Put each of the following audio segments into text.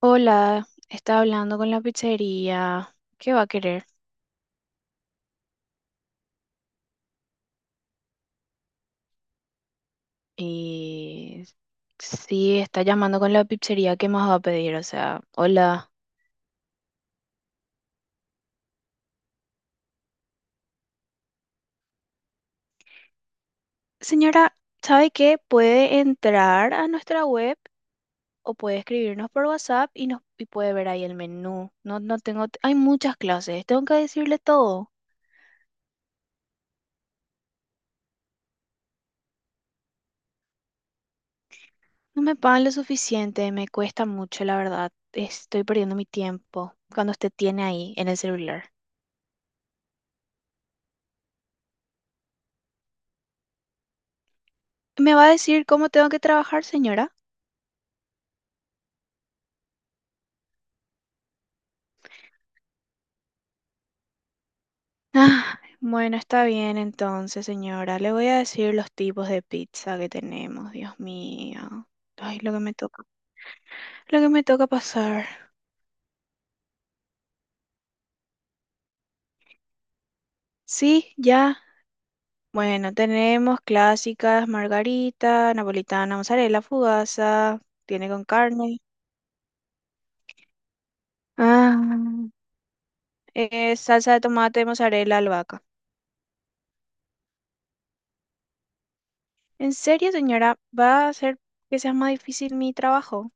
Hola, estaba hablando con la pizzería. ¿Qué va a querer? Y sí, está llamando con la pizzería. ¿Qué más va a pedir? O sea, hola. Señora, ¿sabe qué? Puede entrar a nuestra web o puede escribirnos por WhatsApp y nos y puede ver ahí el menú. No, no tengo, hay muchas clases. Tengo que decirle todo. No me pagan lo suficiente. Me cuesta mucho, la verdad. Estoy perdiendo mi tiempo cuando usted tiene ahí en el celular. ¿Me va a decir cómo tengo que trabajar, señora? Ah, bueno, está bien entonces, señora. Le voy a decir los tipos de pizza que tenemos, Dios mío. Ay, lo que me toca. Lo que me toca pasar. Sí, ya. Bueno, tenemos clásicas, margarita, napolitana, mozzarella, fugaza, tiene con carne. Ah, salsa de tomate, mozzarella, albahaca. ¿En serio, señora? ¿Va a hacer que sea más difícil mi trabajo?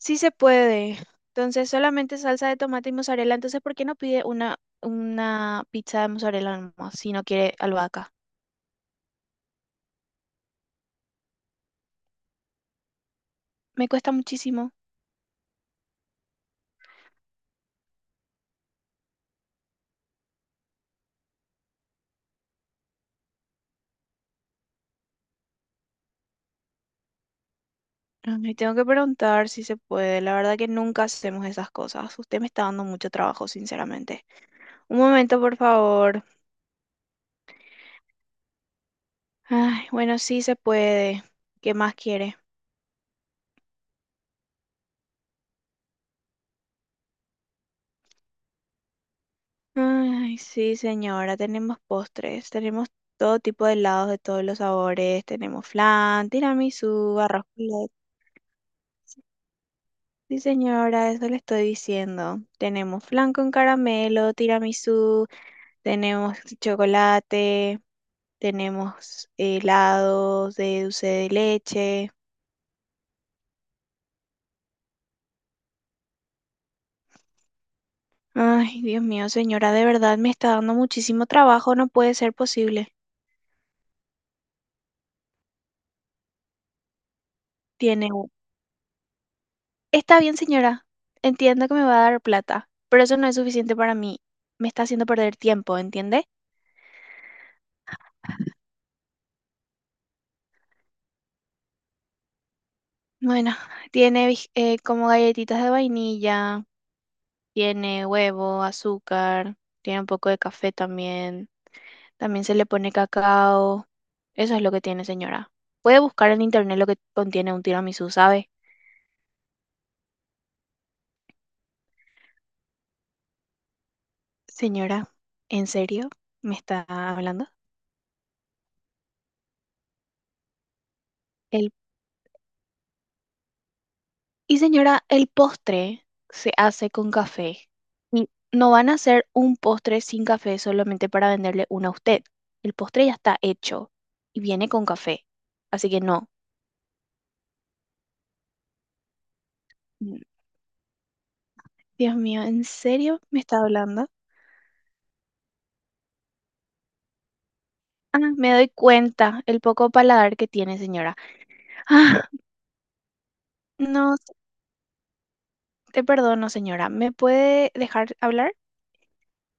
Sí se puede. Entonces, solamente salsa de tomate y mozzarella. Entonces, ¿por qué no pide una pizza de mozzarella nomás si no quiere albahaca? Me cuesta muchísimo. Me tengo que preguntar si se puede. La verdad que nunca hacemos esas cosas. Usted me está dando mucho trabajo, sinceramente. Un momento, por favor. Ay, bueno, sí se puede. ¿Qué más quiere? Ay, sí, señora. Tenemos postres. Tenemos todo tipo de helados de todos los sabores. Tenemos flan, tiramisú, arroz con leche. Sí, señora, eso le estoy diciendo. Tenemos flan con caramelo, tiramisú, tenemos chocolate, tenemos helados de dulce de leche. Ay, Dios mío, señora, de verdad me está dando muchísimo trabajo, no puede ser posible. Tiene... un- Está bien, señora, entiendo que me va a dar plata, pero eso no es suficiente para mí. Me está haciendo perder tiempo, ¿entiende? Bueno, como galletitas de vainilla. Tiene huevo, azúcar, tiene un poco de café también. También se le pone cacao. Eso es lo que tiene, señora. Puede buscar en internet lo que contiene un tiramisú, ¿sabe? Señora, ¿en serio me está hablando? El... Y señora, el postre se hace con café. Y no van a hacer un postre sin café solamente para venderle uno a usted. El postre ya está hecho y viene con café. Así que no. Mm, Dios mío, ¿en serio me está hablando? Ah, me doy cuenta el poco paladar que tiene, señora. Ah, no, te perdono, señora. ¿Me puede dejar hablar?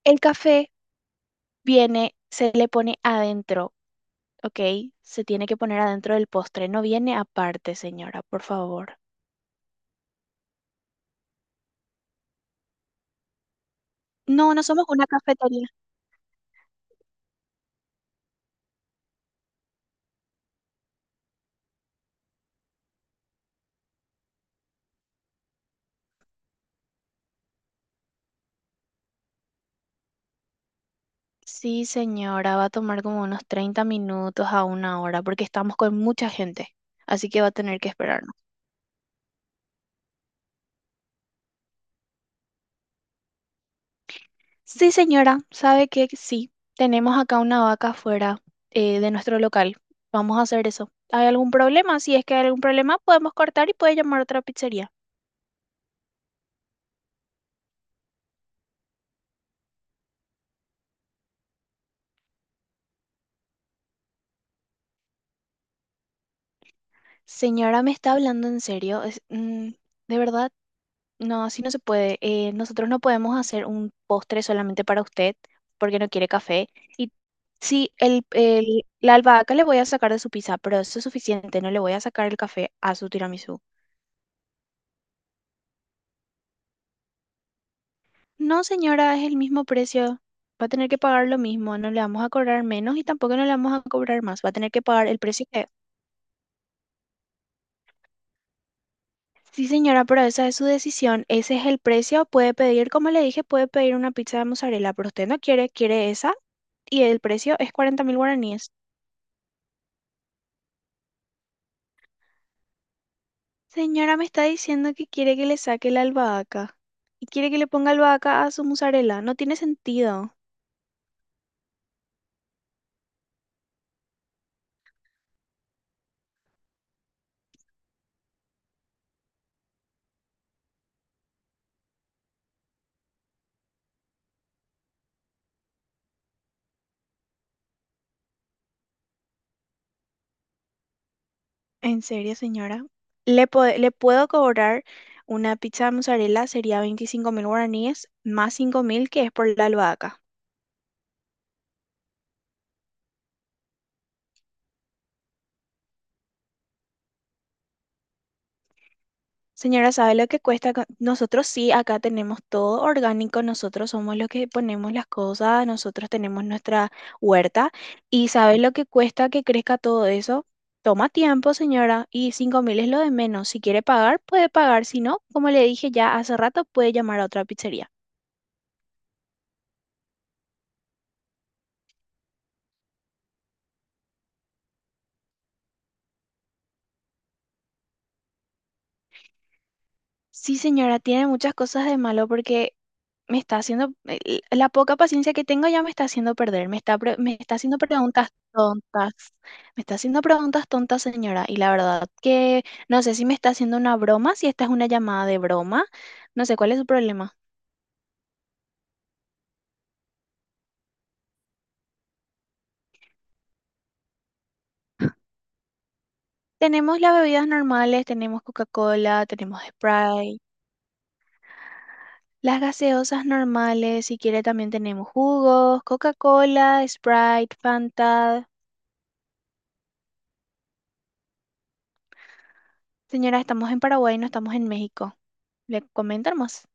El café viene, se le pone adentro, ¿ok? Se tiene que poner adentro del postre, no viene aparte, señora, por favor. No, no somos una cafetería. Sí, señora, va a tomar como unos 30 minutos a una hora porque estamos con mucha gente, así que va a tener que esperar. Sí, señora, sabe que sí, tenemos acá una vaca fuera de nuestro local. Vamos a hacer eso. ¿Hay algún problema? Si es que hay algún problema, podemos cortar y puede llamar a otra pizzería. Señora, ¿me está hablando en serio? De verdad, no, así no se puede. Nosotros no podemos hacer un postre solamente para usted porque no quiere café. Y sí, la albahaca le voy a sacar de su pizza, pero eso es suficiente. No le voy a sacar el café a su tiramisú. No, señora, es el mismo precio. Va a tener que pagar lo mismo. No le vamos a cobrar menos y tampoco no le vamos a cobrar más. Va a tener que pagar el precio que... Sí, señora, pero esa es su decisión. Ese es el precio. Puede pedir, como le dije, puede pedir una pizza de mozzarella, pero usted no quiere, quiere esa y el precio es 40.000 guaraníes. Señora, me está diciendo que quiere que le saque la albahaca y quiere que le ponga albahaca a su mozzarella. No tiene sentido. En serio, señora. Le puedo cobrar una pizza de mozzarella, sería 25.000 guaraníes, más 5.000 que es por la albahaca. Señora, ¿sabe lo que cuesta acá? Nosotros sí, acá tenemos todo orgánico, nosotros somos los que ponemos las cosas, nosotros tenemos nuestra huerta. ¿Y sabe lo que cuesta que crezca todo eso? Toma tiempo, señora, y 5.000 es lo de menos. Si quiere pagar, puede pagar. Si no, como le dije ya hace rato, puede llamar a otra pizzería. Sí, señora, tiene muchas cosas de malo porque me está haciendo, la poca paciencia que tengo ya me está haciendo perder, me está haciendo preguntas tontas, me está haciendo preguntas tontas, señora, y la verdad que no sé si me está haciendo una broma, si esta es una llamada de broma, no sé cuál es su problema. Tenemos las bebidas normales, tenemos Coca-Cola, tenemos Sprite, las gaseosas normales, si quiere también tenemos jugos, Coca-Cola, Sprite, Fanta. Señora, estamos en Paraguay, no estamos en México. ¿Le comentan más?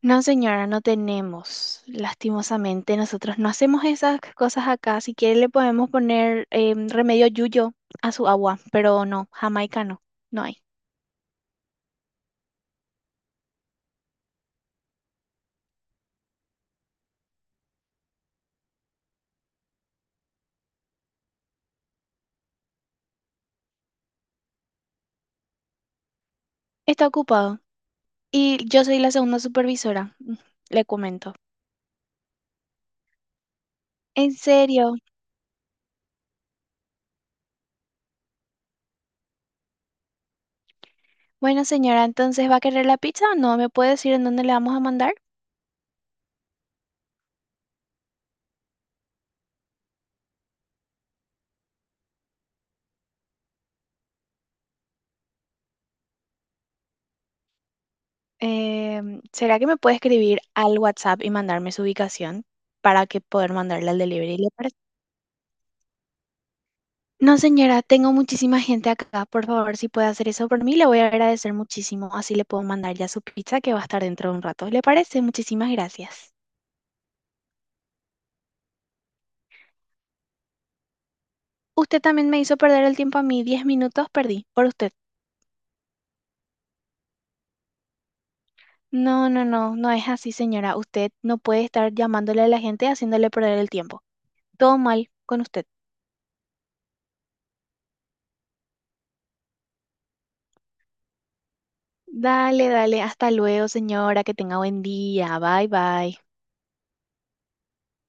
No, señora, no tenemos. Lastimosamente, nosotros no hacemos esas cosas acá. Si quiere, le podemos poner remedio yuyo a su agua, pero no, jamaica no, no hay. Está ocupado. Y yo soy la segunda supervisora, mm, le comento. ¿En serio? Bueno, señora, entonces, ¿va a querer la pizza o no? ¿Me puede decir en dónde le vamos a mandar? ¿Será que me puede escribir al WhatsApp y mandarme su ubicación para que poder mandarle al delivery? No, señora, tengo muchísima gente acá. Por favor, si puede hacer eso por mí, le voy a agradecer muchísimo. Así le puedo mandar ya su pizza que va a estar dentro de un rato. ¿Le parece? Muchísimas gracias. Usted también me hizo perder el tiempo a mí. 10 minutos perdí por usted. No, no, no, no es así, señora. Usted no puede estar llamándole a la gente y haciéndole perder el tiempo. Todo mal con usted. Dale, dale. Hasta luego, señora. Que tenga buen día. Bye, bye.